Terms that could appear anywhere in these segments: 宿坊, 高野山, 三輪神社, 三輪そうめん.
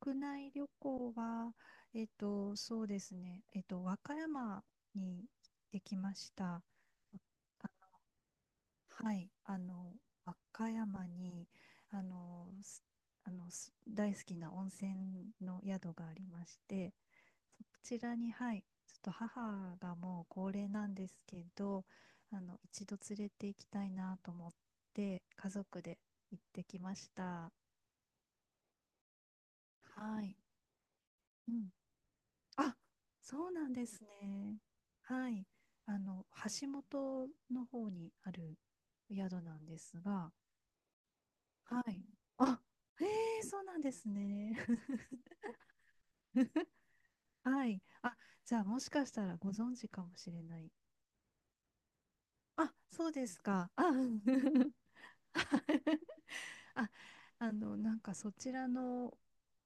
国内旅行は、そうですね、和歌山に行ってきました。あ、はい、和歌山に、あの、す大好きな温泉の宿がありまして、そちらに、はい、ちょっと母がもう高齢なんですけど、一度連れて行きたいなと思って、家族で行ってきました。はい。うん、あ、そうなんですね。はい。あの、橋本の方にある宿なんですが、はい。あ、へえ、そうなんですね。はい。あ、じゃあもしかしたらご存知かもしれない。あ、そうですか。あ、あ、そちらの、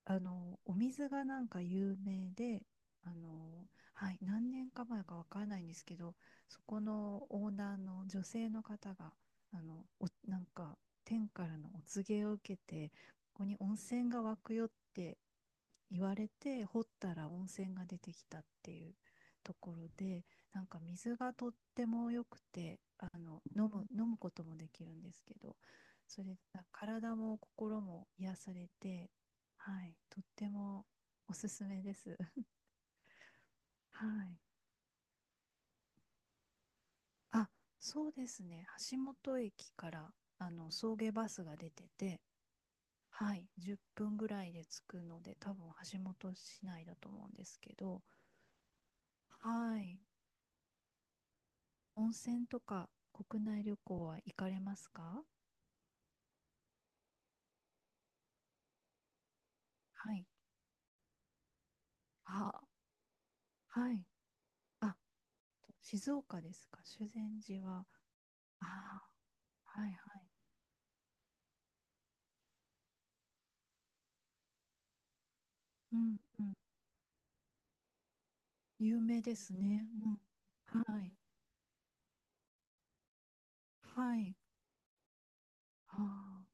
お水が有名で、あの、はい、何年か前かわからないんですけど、そこのオーナーの女性の方が、あの、お、なんか天からのお告げを受けて、ここに温泉が湧くよって言われて、掘ったら温泉が出てきたっていうところで、水がとっても良くて、飲むこともできるんですけど、それが体も心も癒されて、はい、とってもおすすめです。はい。あ、そうですね。橋本駅から送迎バスが出てて、はい、10分ぐらいで着くので、多分橋本市内だと思うんですけど、はい。温泉とか国内旅行は行かれますか？はい。あ、はい。あ、静岡ですか？修善寺は。ああ、はいはい。うんうん。有名ですね。うん。はい。はい。ああ、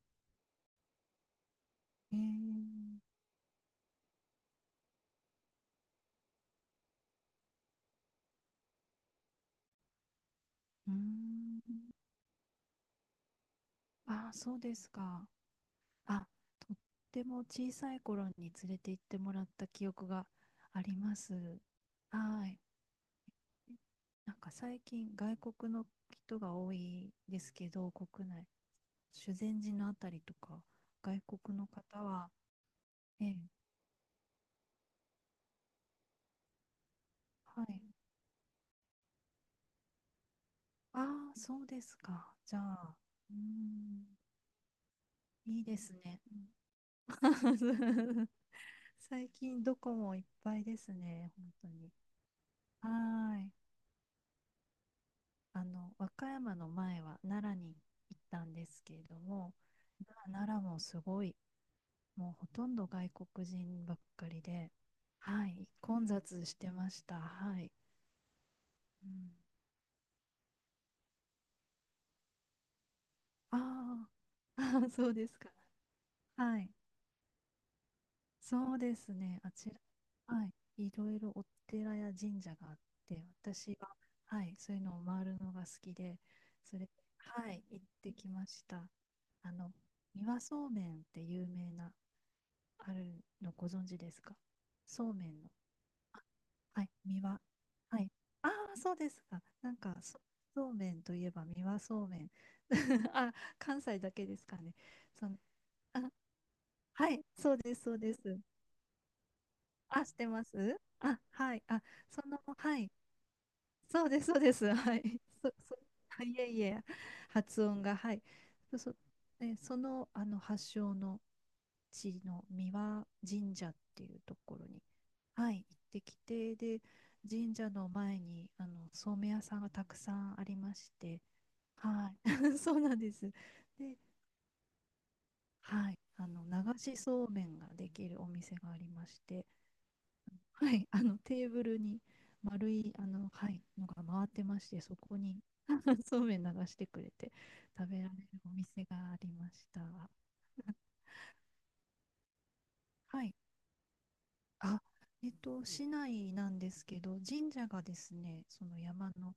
ええ、うーん。ああ、そうですか。あ、とっても小さい頃に連れて行ってもらった記憶があります。はい。最近外国の人が多いですけど、国内、修善寺のあたりとか、外国の方は、ええ、はい。ああ、そうですか。じゃあ、うーん、いいですね。最近どこもいっぱいですね、本当に。はーい。和歌山の前は奈良に行ったんですけれども、奈良もすごい、もうほとんど外国人ばっかりで、はい、混雑してました。はい。うん、あー あー、そうですか。はい。そうですね。あちら、はい、いろいろお寺や神社があって、私は、はい、そういうのを回るのが好きで、それ、はい、行ってきました。あの、三輪そうめんって有名な、あるのご存知ですか？そうめんの。あ、はい、三輪。はい。ああ、そうですか。そうめんといえば三輪そうめん。あ、関西だけですかね。その、あ、はい、そうです、そうです。あ、してます、あ、はい。あ、その、はい。そうです、そうです。はい。あ、いえいえ、発音が、はい。そ、そねその、発祥の地の三輪神社っていうところに、はい、行ってきて、で、神社の前に、そうめん屋さんがたくさんありまして、はい。そうなんです。で、はい。流しそうめんができるお店がありまして、はい、あのテーブルに丸いはい、のが回ってまして、そこに そうめん流してくれて食べられるお店がありました。はい。あ、市内なんですけど、神社がですね、その山の、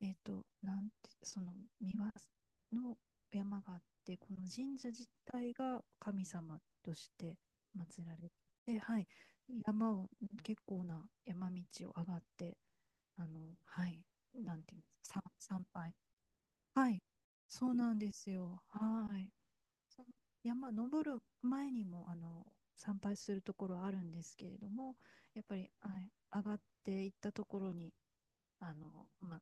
えっと、なんて、その三輪の山があって、この神社自体が神様として祀られて、はい、山を、結構な山道を上がって、あの、はい、なんていうんですか、参拝。はい、そうなんですよ。はい。その山登る前にも、参拝するところあるんですけれども、やっぱり、はい、上がっていったところに、あの、ま、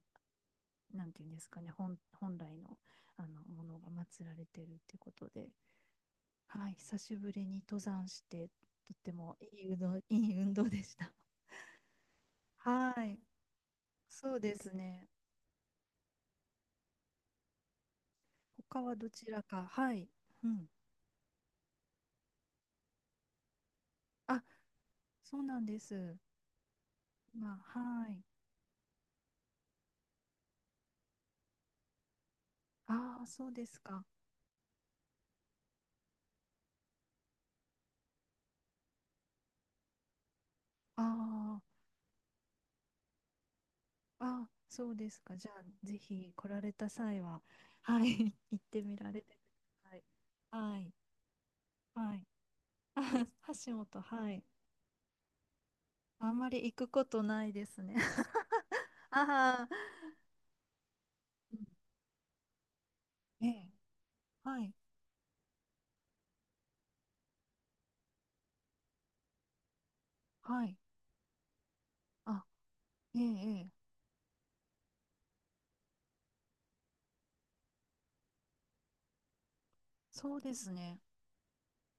なんていうんですかね、本来の、ものが祀られているってことで、はい、久しぶりに登山して、とってもいい運動、いい運動でした。はい、そうですね。他はどちらか、はい、うん。あ、そうなんです。まあ、はい。ああ、そうですか。ああ、ああ、そうですか。じゃあ、ぜひ来られた際は、はい、行ってみられてください。はい、はい。あ、橋本、はい。あんまり行くことないですね。ああ、うん、ええ、はい、はい。あ、ええ、ええ、そうですね。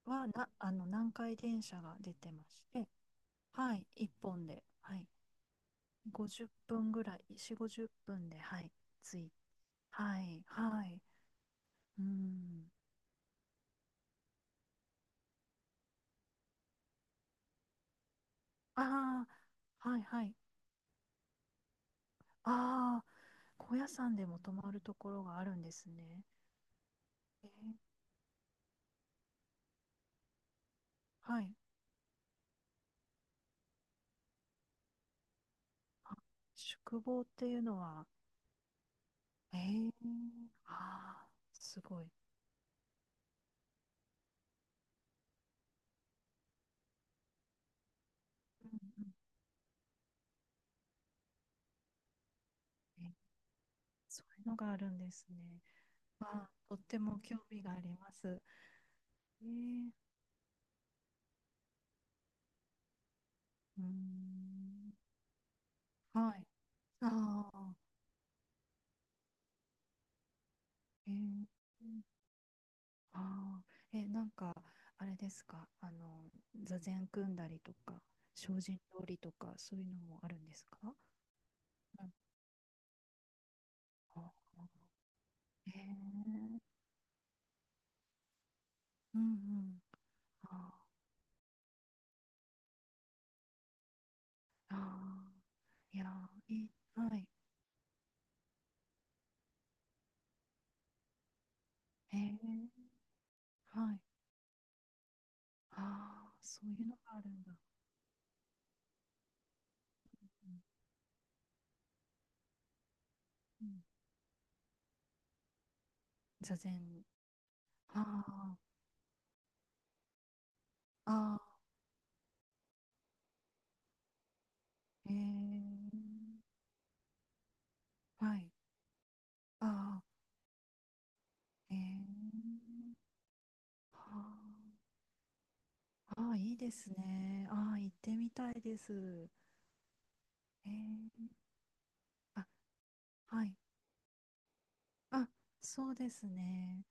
南海電車が出てまして、はい、一本で、はい。50分ぐらい、4、50分で、はい、つい、はい、はい、うん、ああ、はい、はい、ああ、高野山でも泊まるところがあるんですね。えー、はい、あ、宿坊っていうのは、えー、ああ、すごい、うんうん、え、そういうのがあるんですね。まあ、とっても興味があります。えー、うーん、はい、ああ、えー、あー、え、あれですか、座禅組んだりとか、精進料理とか、そういうのもあるんですか？うん、あー、へえ、うんうん。あー、あー、いやー、いい、はい、へえ、はい、ああ、そういうのがあるんだ。うんうん、座禅、ああ、ああ、へえ、はい、ああ、へえ、はあ。ああ、いいですね。ああ、行ってみたいです。えー、あ、はい。あ、そうですね。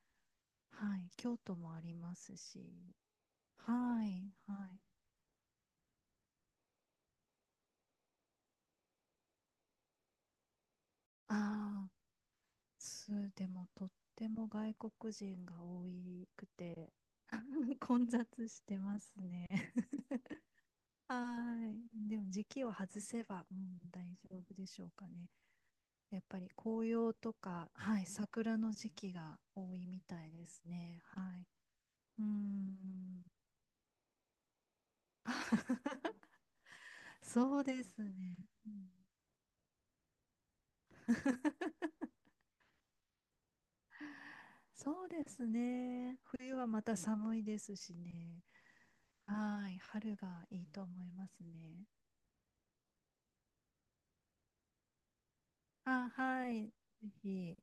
はい。京都もありますし。はい。はい。ああ、す、でもとっても外国人が多くて、混雑してますね。はい。でも時期を外せば、うん、大丈夫でしょうかね。やっぱり紅葉とか、はい、桜の時期が多いみたいですね。はい。うーん。そうですね。うん、そうですね。冬はまた寒いですしね。はい、春がいいと思いますね。あ、はい、ぜひ。